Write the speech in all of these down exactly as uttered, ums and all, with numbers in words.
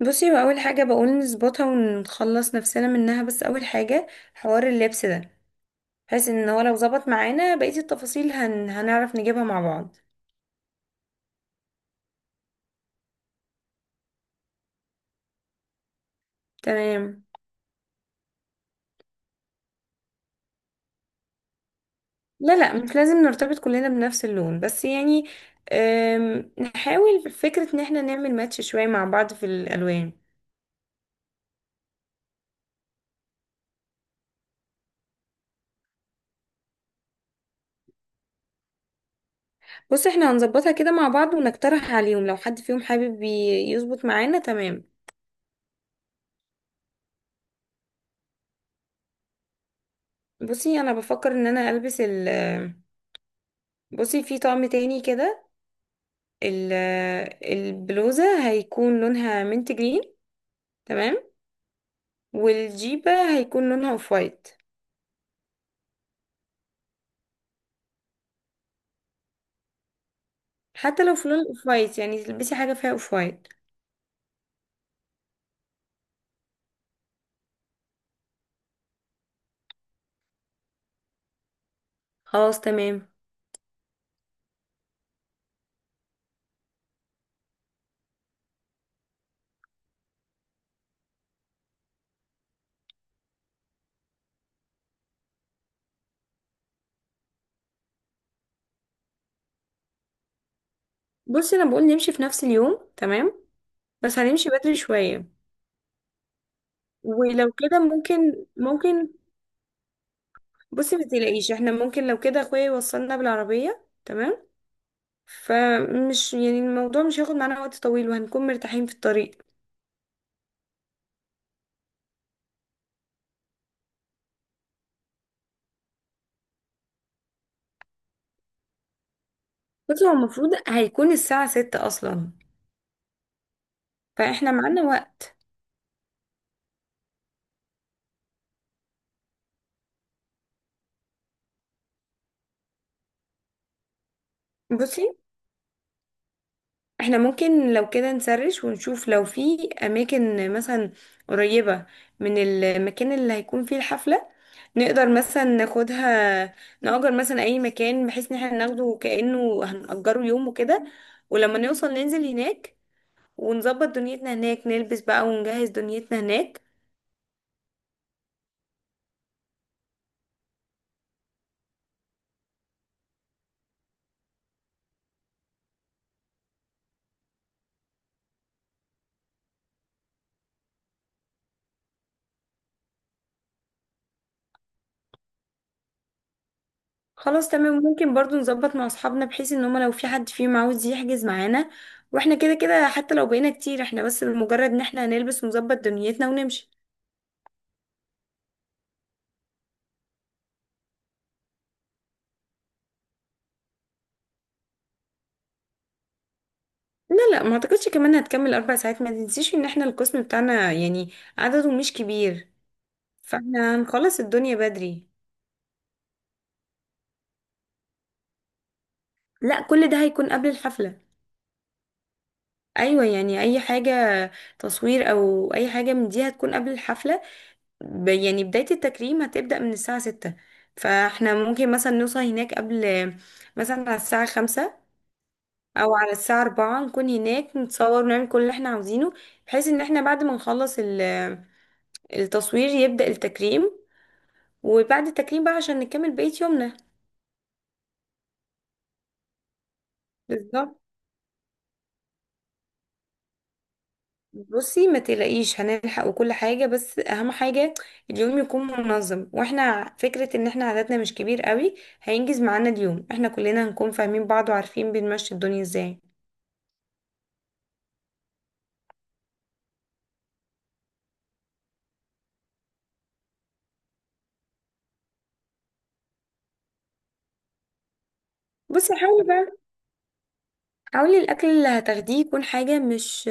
بصي، هو اول حاجه بقول نظبطها ونخلص نفسنا منها. بس اول حاجه حوار اللبس ده، بحيث ان هو لو ظبط معانا بقيه التفاصيل هن... هنعرف نجيبها مع بعض. تمام. لا لا، مش لازم نرتبط كلنا بنفس اللون، بس يعني أم... نحاول في فكره ان احنا نعمل ماتش شويه مع بعض في الالوان. بص، احنا هنظبطها كده مع بعض ونقترح عليهم، لو حد فيهم حابب ي- يظبط معانا تمام. بصي، انا بفكر ان انا البس ال بصي، في طقم تاني كده. ال- البلوزة هيكون لونها منت جرين، تمام، والجيبة هيكون لونها اوف وايت. حتى لو في لون اوف وايت، يعني تلبسي حاجة فيها اوف وايت. خلاص تمام. بصي، انا بقول نمشي في نفس اليوم، تمام، بس هنمشي بدري شوية. ولو كده ممكن ممكن. بصي، ما تقلقيش، احنا ممكن لو كده اخويا يوصلنا بالعربية، تمام، فمش يعني الموضوع مش هياخد معانا وقت طويل وهنكون مرتاحين في الطريق. بصي، هو المفروض هيكون الساعة ستة أصلا، فاحنا معانا وقت. بصي، احنا ممكن لو كده نسرش ونشوف لو في اماكن مثلا قريبة من المكان اللي هيكون فيه الحفلة، نقدر مثلا ناخدها، نأجر مثلا اي مكان، بحيث ان احنا ناخده كأنه هنأجره يوم وكده، ولما نوصل ننزل هناك ونظبط دنيتنا هناك، نلبس بقى ونجهز دنيتنا هناك. خلاص تمام، ممكن برضو نظبط مع اصحابنا بحيث ان هما لو في حد فيهم عاوز يحجز معانا. واحنا كده كده حتى لو بقينا كتير، احنا بس بمجرد ان احنا هنلبس ونظبط دنيتنا ونمشي. لا لا، ما اعتقدش كمان هتكمل اربع ساعات. ما تنسيش ان احنا القسم بتاعنا يعني عدده مش كبير، فاحنا هنخلص الدنيا بدري. لا، كل ده هيكون قبل الحفلة. ايوه، يعني اي حاجة تصوير او اي حاجة من دي هتكون قبل الحفلة. ب- يعني بداية التكريم هتبدأ من الساعة ستة، فاحنا ممكن مثلا نوصل هناك قبل، مثلا على الساعة خمسة او على الساعة أربعة، نكون هناك نتصور ونعمل كل اللي احنا عاوزينه، بحيث ان احنا بعد ما نخلص ال- التصوير يبدأ التكريم، وبعد التكريم بقى عشان نكمل بقية يومنا. بالظبط. بصي، ما تقلقيش هنلحق وكل حاجة، بس أهم حاجة اليوم يكون منظم. واحنا ع- فكرة ان احنا عددنا مش كبير قوي، هينجز معانا اليوم. احنا كلنا هنكون فاهمين بعض وعارفين بنمشي الدنيا ازاي. بصي، حاولي بقى، حاولي الأكل اللي هتاخديه يكون حاجة مش،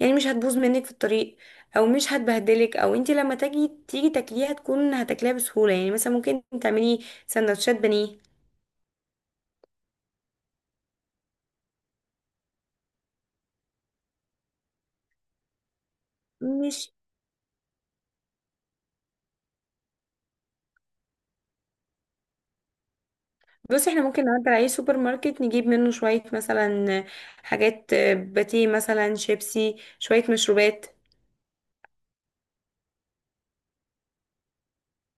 يعني مش هتبوظ منك في الطريق، أو مش هتبهدلك، أو انتي لما تجي تيجي تاكليها تكون هتاكليها بسهولة. يعني مثلا ممكن تعملي سندوتشات بانيه. مش بص، احنا ممكن نعدي على اي سوبر ماركت نجيب منه شوية، مثلا حاجات، آه، باتيه مثلا، شيبسي، شوية مشروبات.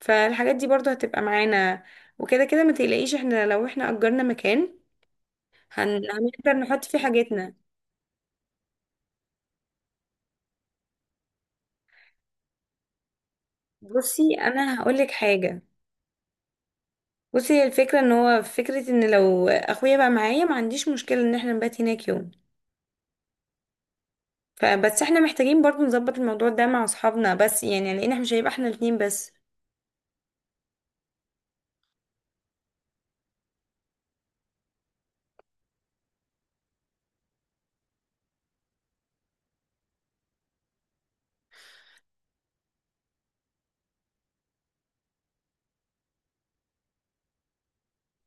فالحاجات دي برضو هتبقى معانا، وكده كده ما تقلقيش احنا لو احنا اجرنا مكان هن... هنقدر نحط فيه حاجتنا. بصي، انا هقولك حاجة. بصي، هي الفكرة ان هو فكرة ان لو اخويا بقى معايا ما عنديش مشكلة ان احنا نبات هناك يوم، فبس احنا محتاجين برضو نظبط الموضوع ده مع اصحابنا بس، يعني لان احنا مش هيبقى احنا الاتنين بس.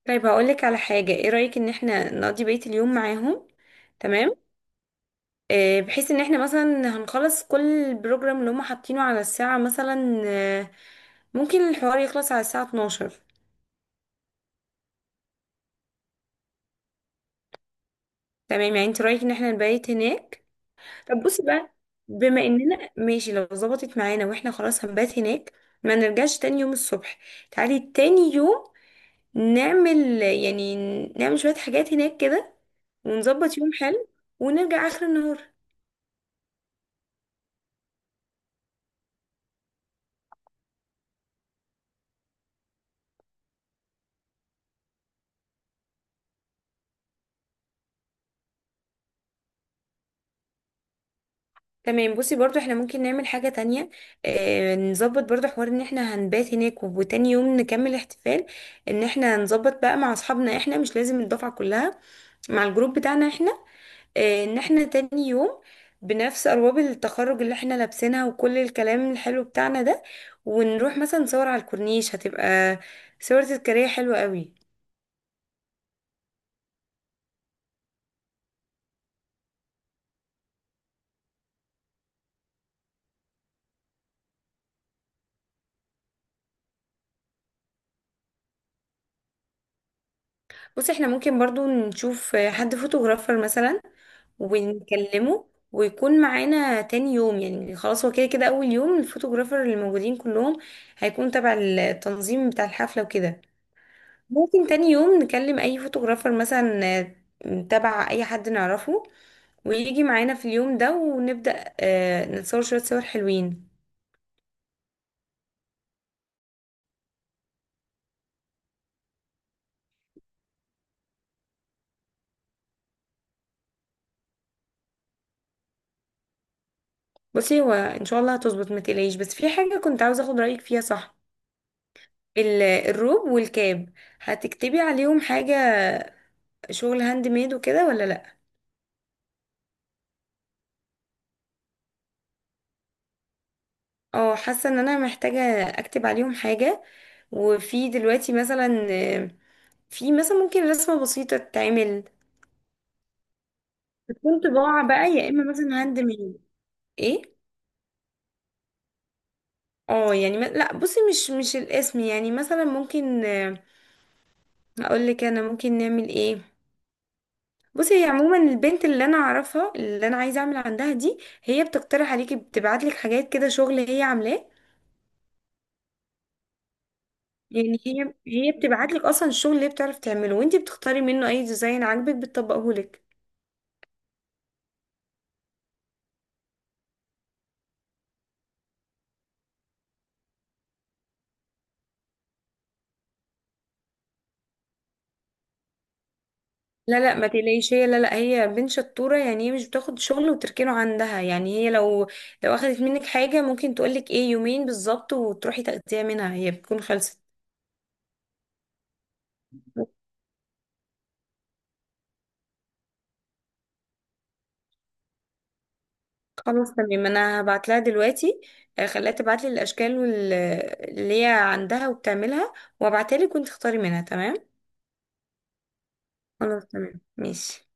طيب هقولك على حاجة، ايه رأيك ان احنا نقضي بقية اليوم معاهم؟ تمام، آه، بحيث ان احنا مثلا هنخلص كل البروجرام اللي هم حاطينه على الساعة مثلا، آه، ممكن الحوار يخلص على الساعة اتناشر. تمام، يعني انت رأيك ان احنا نبيت هناك. طب بصي بقى، بما اننا ماشي لو ظبطت معانا واحنا خلاص هنبات هناك، ما نرجعش تاني يوم الصبح، تعالي تاني يوم نعمل يعني، نعمل شوية حاجات هناك كده ونظبط يوم حلو ونرجع آخر النهار. تمام. بصي، برضو احنا ممكن نعمل حاجة تانية. اه، نظبط برضو حوار ان احنا هنبات هناك وتاني يوم نكمل احتفال، ان احنا نظبط بقى مع اصحابنا، احنا مش لازم الدفعة كلها، مع الجروب بتاعنا احنا. اه، ان احنا تاني يوم بنفس ارواب التخرج اللي احنا لابسينها وكل الكلام الحلو بتاعنا ده، ونروح مثلا نصور على الكورنيش، هتبقى صورة تذكارية حلوة قوي. بصي، احنا ممكن برضو نشوف حد فوتوغرافر مثلا ونكلمه ويكون معانا تاني يوم. يعني خلاص هو كده كده اول يوم الفوتوغرافر اللي موجودين كلهم هيكون تبع التنظيم بتاع الحفلة وكده، ممكن تاني يوم نكلم اي فوتوغرافر مثلا، آه، تبع اي حد نعرفه، ويجي معانا في اليوم ده ونبدأ، آه، نتصور شوية صور حلوين. بصي، هو ان شاء الله هتظبط ما تقلقيش. بس في حاجة كنت عاوزة اخد رأيك فيها، صح؟ ال- الروب والكاب هتكتبي عليهم حاجة، شغل هاند ميد وكده، ولا لا؟ اه، حاسه ان انا محتاجه اكتب عليهم حاجه. وفي دلوقتي مثلا، آه، في مثلا ممكن رسمه بسيطه تتعمل، بتكون طباعه بقى، يا اما مثلا هاند ميد. ايه. اه يعني ما... لا بصي، مش مش الاسم، يعني مثلا ممكن اقول لك انا ممكن نعمل ايه. بصي، هي عموما البنت اللي انا اعرفها اللي انا عايزه اعمل عندها دي، هي بتقترح عليكي، بتبعت لك حاجات كده شغل هي عاملاه. يعني هي، هي بتبعت لك اصلا الشغل اللي هي بتعرف تعمله، وانت بتختاري منه اي ديزاين عاجبك بتطبقه لك. لا لا، ما تقلقيش هي، لا لا، هي بنت شطوره، يعني هي مش بتاخد شغل وتركنه عندها. يعني هي لو، لو اخدت منك حاجه ممكن تقول لك ايه يومين بالظبط، وتروحي تاخديها منها هي بتكون خلصت. خلاص تمام، انا هبعت لها دلوقتي، آه، خليها تبعت لي الاشكال وال- اللي هي عندها وبتعملها، وابعتها لك وانت تختاري منها، تمام. خلاص تمام ماشي.